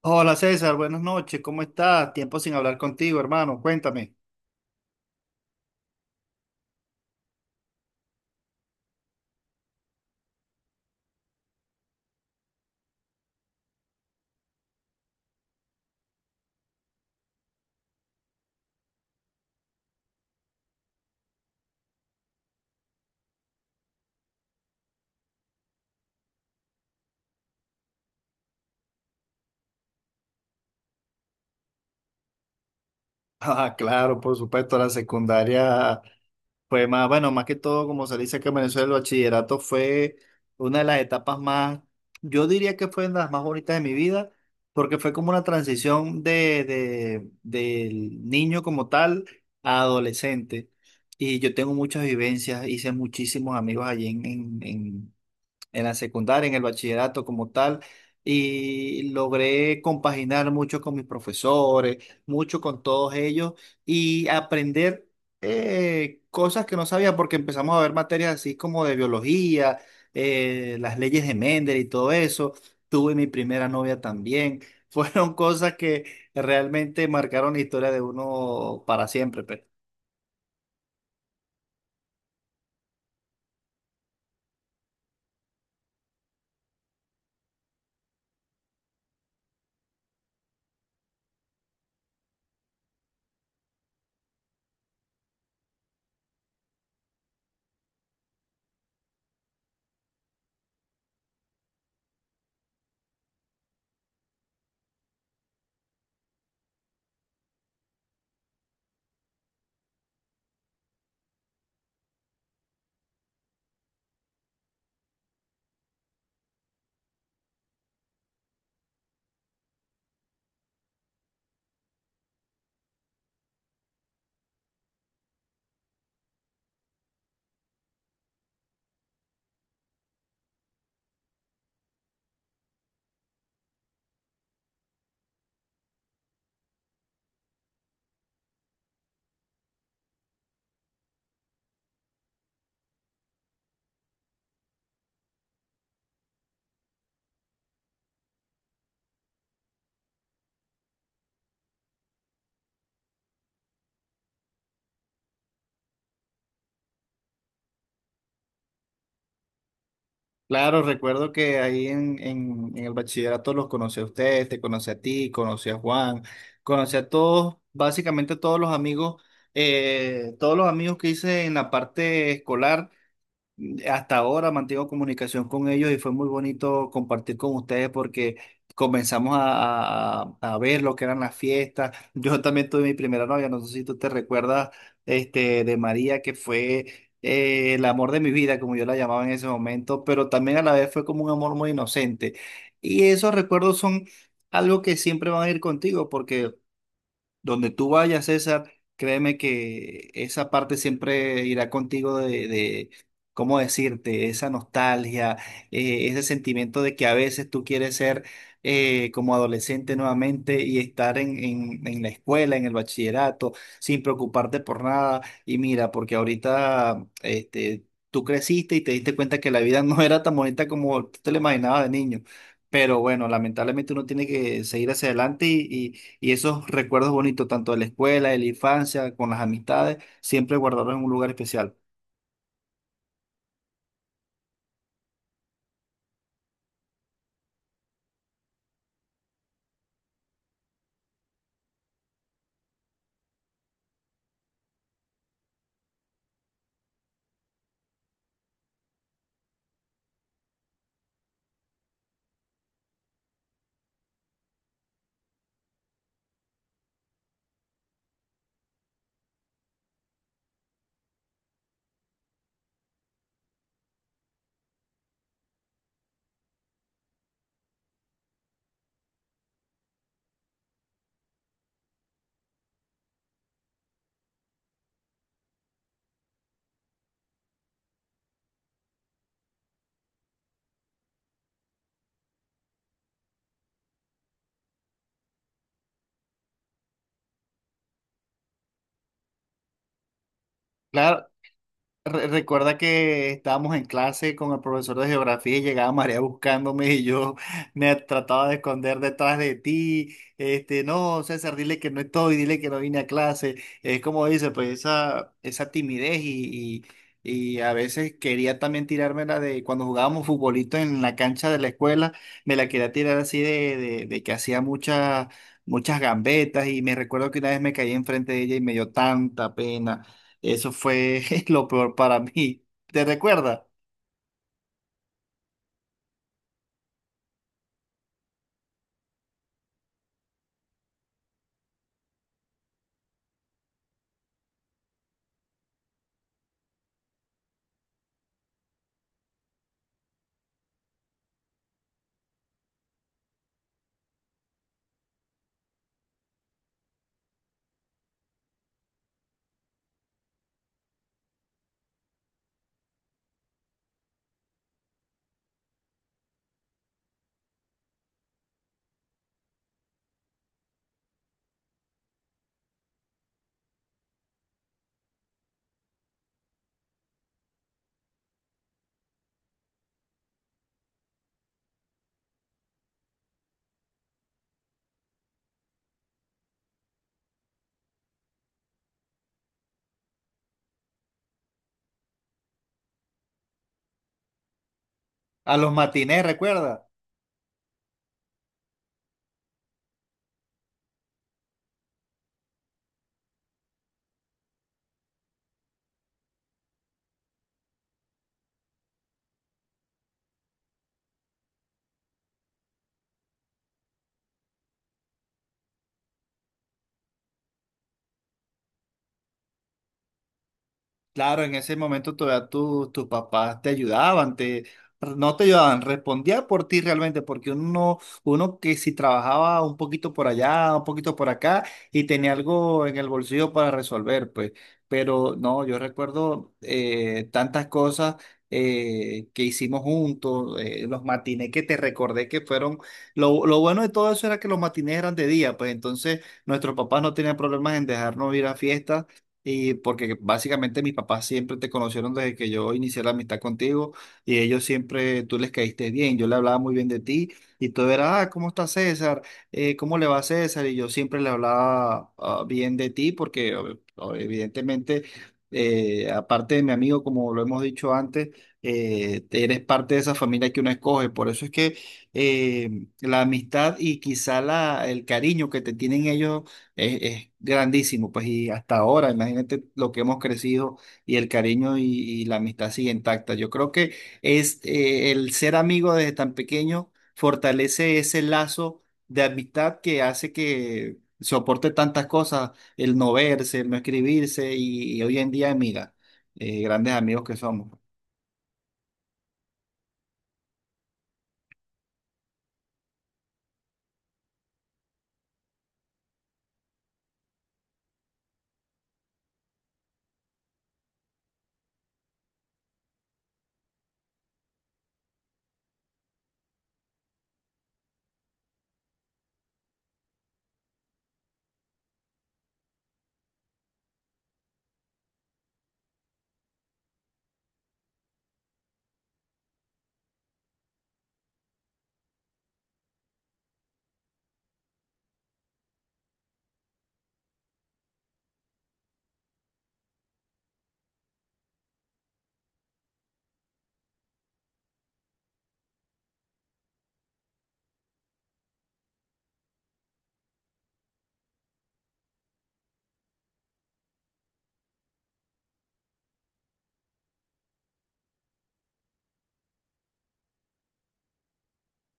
Hola César, buenas noches, ¿cómo estás? Tiempo sin hablar contigo, hermano, cuéntame. Ah, claro, por supuesto, la secundaria fue más, bueno, más que todo, como se dice que en Venezuela el bachillerato fue una de las etapas más, yo diría que fue de las más bonitas de mi vida, porque fue como una transición del niño como tal a adolescente. Y yo tengo muchas vivencias, hice muchísimos amigos allí en la secundaria, en el bachillerato como tal, y logré compaginar mucho con mis profesores, mucho con todos ellos y aprender cosas que no sabía porque empezamos a ver materias así como de biología, las leyes de Mendel y todo eso. Tuve mi primera novia también. Fueron cosas que realmente marcaron la historia de uno para siempre, pues. Claro, recuerdo que ahí en el bachillerato los conocí a ustedes, te conocí a ti, conocí a Juan, conocí a todos, básicamente todos los amigos que hice en la parte escolar. Hasta ahora mantengo comunicación con ellos y fue muy bonito compartir con ustedes porque comenzamos a ver lo que eran las fiestas. Yo también tuve mi primera novia, no sé si tú te recuerdas, de María, que fue el amor de mi vida, como yo la llamaba en ese momento, pero también a la vez fue como un amor muy inocente. Y esos recuerdos son algo que siempre van a ir contigo porque donde tú vayas, César, créeme que esa parte siempre irá contigo de ¿cómo decirte? Esa nostalgia, ese sentimiento de que a veces tú quieres ser como adolescente nuevamente y estar en la escuela, en el bachillerato, sin preocuparte por nada. Y mira, porque ahorita tú creciste y te diste cuenta que la vida no era tan bonita como tú te la imaginabas de niño. Pero bueno, lamentablemente uno tiene que seguir hacia adelante y esos recuerdos bonitos, tanto de la escuela, de la infancia, con las amistades, siempre guardarlos en un lugar especial. Claro, Recuerda que estábamos en clase con el profesor de geografía y llegaba María buscándome y yo me trataba de esconder detrás de ti. No, César, dile que no estoy, dile que no vine a clase. Es como dice, pues esa timidez y, y a veces quería también tirármela de cuando jugábamos futbolito en la cancha de la escuela, me la quería tirar así de que hacía muchas, muchas gambetas y me recuerdo que una vez me caí enfrente de ella y me dio tanta pena. Eso fue lo peor para mí. ¿Te recuerda? A los matines, recuerda. Claro, en ese momento todavía tus papás te ayudaban, no te ayudaban, respondía por ti realmente, porque uno que si trabajaba un poquito por allá, un poquito por acá, y tenía algo en el bolsillo para resolver, pues. Pero no, yo recuerdo tantas cosas que hicimos juntos, los matinés que te recordé que fueron, lo bueno de todo eso era que los matinés eran de día, pues entonces nuestros papás no tenían problemas en dejarnos ir a fiestas y porque básicamente mis papás siempre te conocieron desde que yo inicié la amistad contigo y ellos siempre, tú les caíste bien, yo le hablaba muy bien de ti y todo era, ah, ¿cómo está César? ¿Cómo le va a César? Y yo siempre le hablaba bien de ti porque evidentemente, aparte de mi amigo, como lo hemos dicho antes, eres parte de esa familia que uno escoge. Por eso es que eh, la amistad y quizá el cariño que te tienen ellos es grandísimo, pues, y hasta ahora, imagínate lo que hemos crecido y el cariño y la amistad sigue intacta. Yo creo que es el ser amigo desde tan pequeño fortalece ese lazo de amistad que hace que soporte tantas cosas, el no verse, el no escribirse y hoy en día, mira, grandes amigos que somos.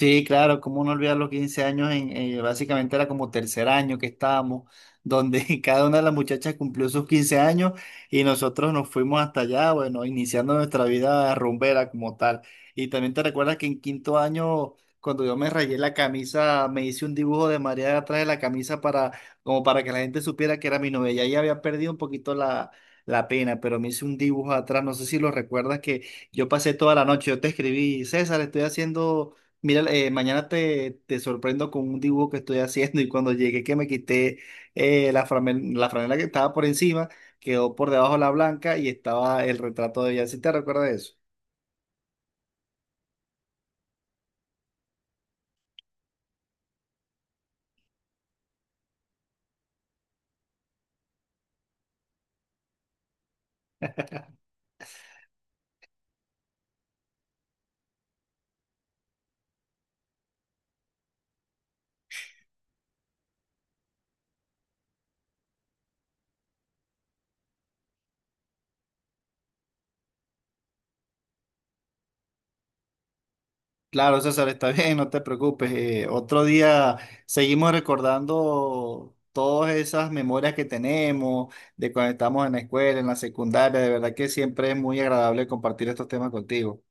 Sí, claro, cómo no olvidar los 15 años, básicamente era como tercer año que estábamos, donde cada una de las muchachas cumplió sus 15 años y nosotros nos fuimos hasta allá, bueno, iniciando nuestra vida rumbera como tal. Y también te recuerdas que en quinto año, cuando yo me rayé la camisa, me hice un dibujo de María atrás de la camisa para, como para que la gente supiera que era mi novia. Ya ahí había perdido un poquito la pena, pero me hice un dibujo atrás, no sé si lo recuerdas que yo pasé toda la noche, yo te escribí, César, estoy haciendo. Mira, mañana te sorprendo con un dibujo que estoy haciendo y cuando llegué que me quité la franela que estaba por encima, quedó por debajo la blanca y estaba el retrato de ella. ¿Sí te recuerdas eso? Claro, César, está bien, no te preocupes. Otro día seguimos recordando todas esas memorias que tenemos de cuando estamos en la escuela, en la secundaria. De verdad que siempre es muy agradable compartir estos temas contigo.